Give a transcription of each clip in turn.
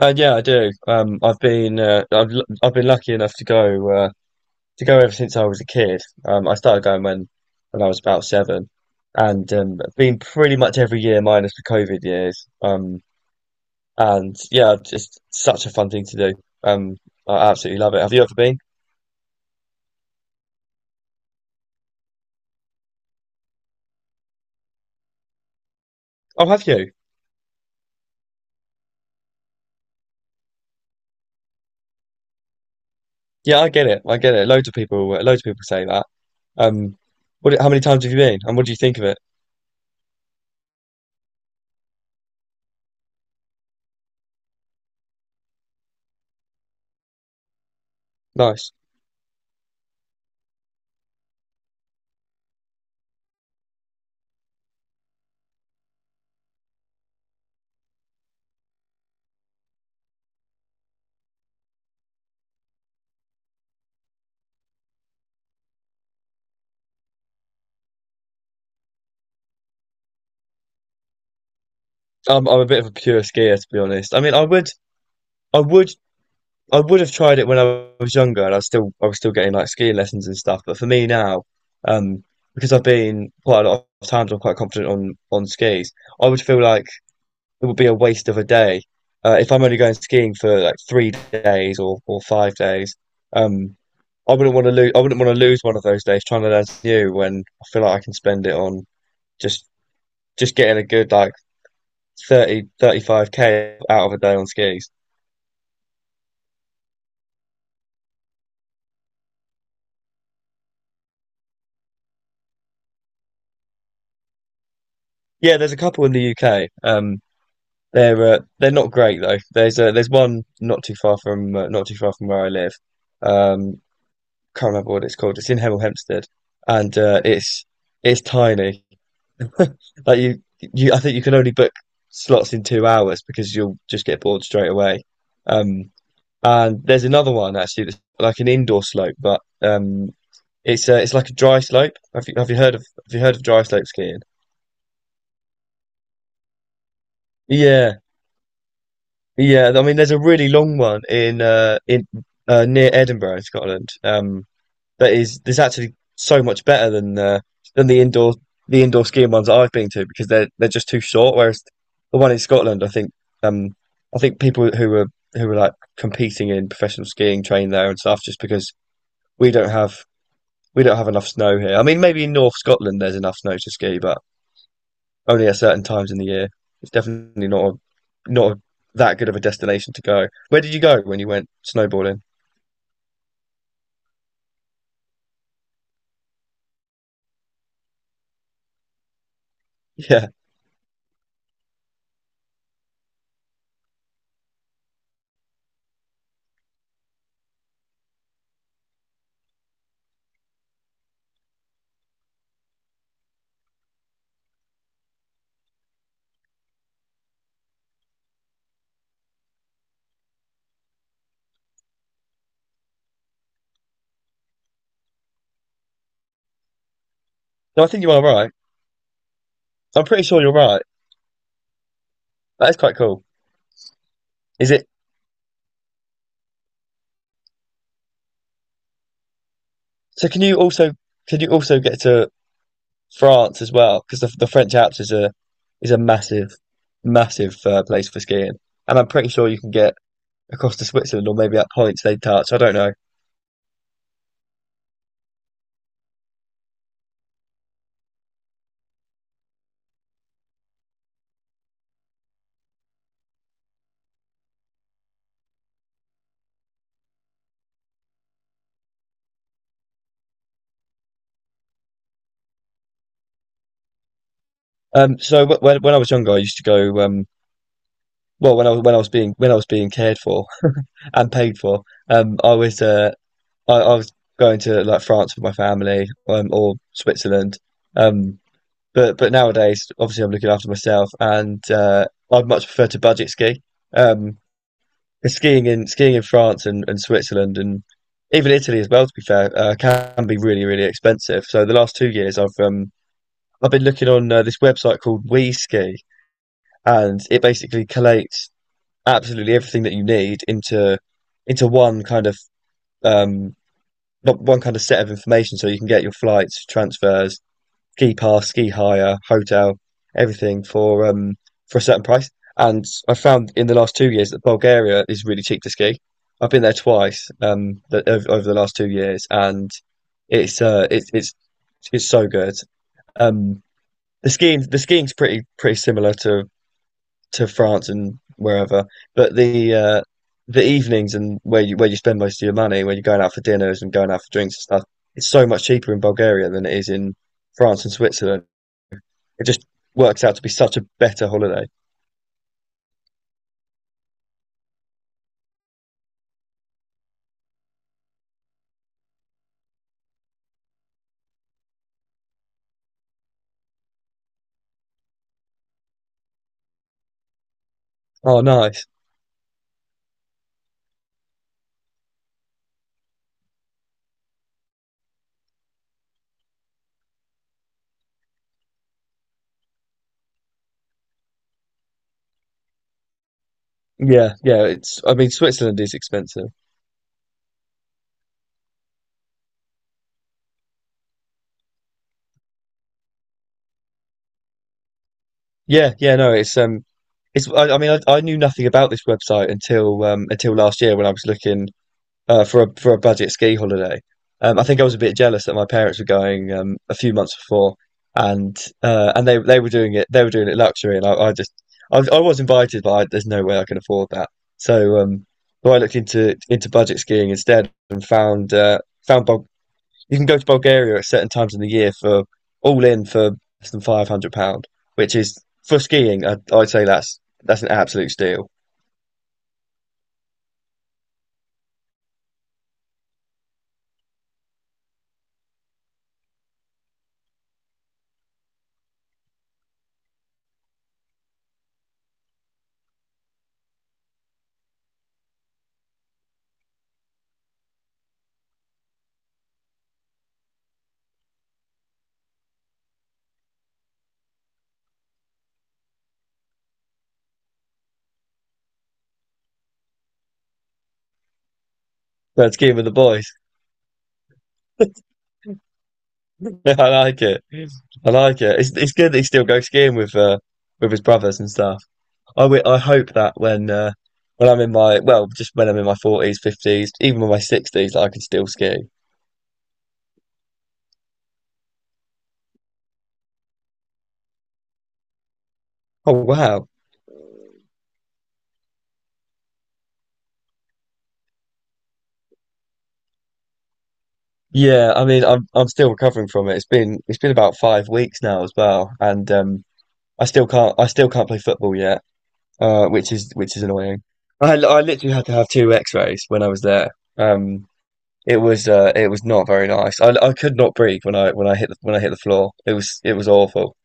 Yeah, I do. I've been lucky enough to go ever since I was a kid. I started going when I was about seven, and been pretty much every year minus the COVID years. And yeah, just such a fun thing to do. Um, I absolutely love it. Have you ever been? Oh, have you? Yeah, I get it. I get it. Loads of people say that. Um, what? How many times have you been? And what do you think of it? Nice. I'm a bit of a pure skier, to be honest. I mean, I would I would have tried it when I was younger, and I was still getting like skiing lessons and stuff. But for me now, um, because I've been quite a lot of times, I'm quite confident on skis. I would feel like it would be a waste of a day if I'm only going skiing for like 3 days or 5 days. Um, I wouldn't want to lose one of those days trying to learn something new when I feel like I can spend it on just just getting a good like thirty five k out of a day on skis. Yeah, there's a couple in the UK. They're not great though. There's one not too far from not too far from where I live. Um, can't remember what it's called. It's in Hemel Hempstead, and it's tiny. Like you I think you can only book slots in 2 hours because you'll just get bored straight away. Um, and there's another one actually that's like an indoor slope, but it's like a dry slope. Have you heard of dry slope skiing? Yeah. Yeah, I mean, there's a really long one in near Edinburgh, in Scotland. That is there's actually so much better than the indoor skiing ones that I've been to because they're just too short. Whereas the one in Scotland, um I think people who were like competing in professional skiing train there and stuff just because we don't have we don't have enough snow here. I mean, maybe in North Scotland there's enough snow to ski, but only at certain times in the year. It's definitely not a, not a, that good of a destination to go. Where did you go when you went snowboarding? Yeah, no, I think you are right. I'm pretty sure you're right. That is quite cool. Is it? So can you also get to France as well? Because the French Alps is a massive massive place for skiing, and I'm pretty sure you can get across to Switzerland or maybe at points they touch. I don't know. So when I was younger, I used to go well, when I was being cared for and paid for, um, I was uh, I was going to like France with my family, or Switzerland, um, but nowadays, obviously, I'm looking after myself, and I'd much prefer to budget ski. Um, 'Cause skiing in France and Switzerland and even Italy as well, to be fair, can be really really expensive. So the last 2 years, I've been looking on this website called WeSki, and it basically collates absolutely everything that you need into one kind of um not one kind of set of information so you can get your flights, transfers, ski pass, ski hire, hotel, everything for a certain price. And I found in the last 2 years that Bulgaria is really cheap to ski. I've been there twice over the last 2 years, and it's uh it's it's it's so good. Um the skiing's pretty pretty similar to France and wherever. But the evenings and where you spend most of your money, where you're going out for dinners and going out for drinks and stuff, it's so much cheaper in Bulgaria than it is in France and Switzerland. It just works out to be such a better holiday. Oh, nice. Yeah, yeah. It's I mean Switzerland is expensive. Yeah, yeah. No, I mean I knew nothing about this website until last year when I was looking for a budget ski holiday. I think I was a bit jealous that my parents were going a few months before, and they were doing it luxury, and I was invited, but there's no way I can afford that. So um, so I looked into budget skiing instead and found found Bul you can go to Bulgaria at certain times in the year for all in for less than £500, which is for skiing. I, I'd say that's an absolute steal. But skiing with the boys. I like it. I like it. It's good that he still goes skiing with his brothers and stuff. I hope that when I'm in my well, just when I'm in my forties, fifties, even in my sixties, that I can still ski. Oh wow. Yeah, I mean I'm still recovering from it. It's been about 5 weeks now as well. And I still can't play football yet, which is annoying. I literally had to have two x-rays when I was there. Um it was not very nice. I could not breathe when I hit the floor. It was awful.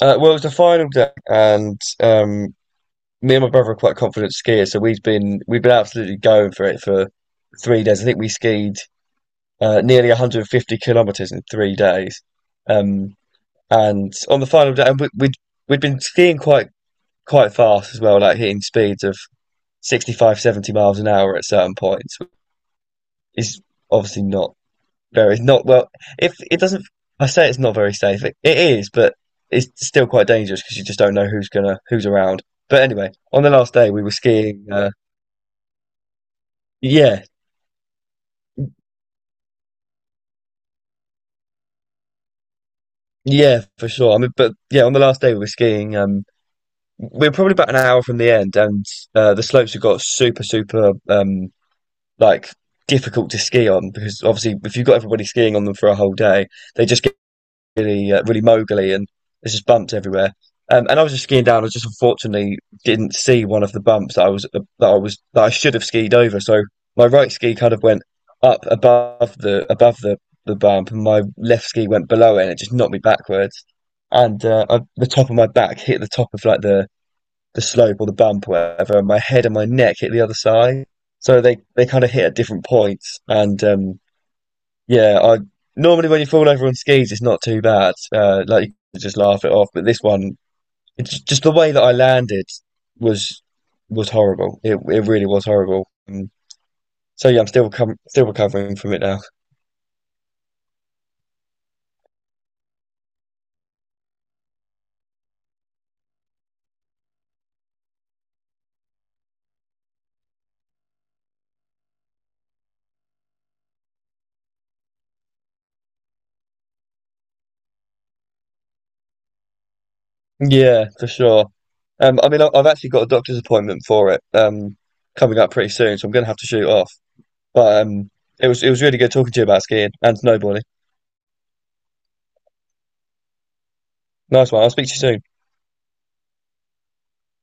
Well, it was the final day, and me and my brother are quite confident skiers, so we've been absolutely going for it for 3 days. I think we skied nearly 150 kilometers in 3 days. Um, and On the final day, and we, we'd we'd been skiing quite quite fast as well, like hitting speeds of 65, 70 miles an hour at certain points. Is obviously not well. If it doesn't, I say it's not very safe. It is, but it's still quite dangerous because you just don't know who's gonna who's around. But anyway, on the last day we were skiing. Yeah, yeah, for sure. I mean, but yeah, on the last day we were skiing. We were probably about an hour from the end, and the slopes have got super like difficult to ski on because obviously if you've got everybody skiing on them for a whole day, they just really really moguly, and there's just bumps everywhere. And I was just skiing down. I just unfortunately didn't see one of the bumps that I was that I should have skied over. So my right ski kind of went up above the bump, and my left ski went below it, and it just knocked me backwards. And the top of my back hit the top of like the slope or the bump, or whatever. And my head and my neck hit the other side, so they kind of hit at different points, and yeah, I normally when you fall over on skis, it's not too bad. Like you can just laugh it off. But this one, it's just the way that I landed was was horrible. It really was horrible. So yeah, I'm still com still recovering from it now. Yeah, for sure. I mean, I've actually got a doctor's appointment for it coming up pretty soon, so I'm gonna have to shoot off. But it was really good talking to you about skiing and snowboarding. Nice one. I'll speak to you soon.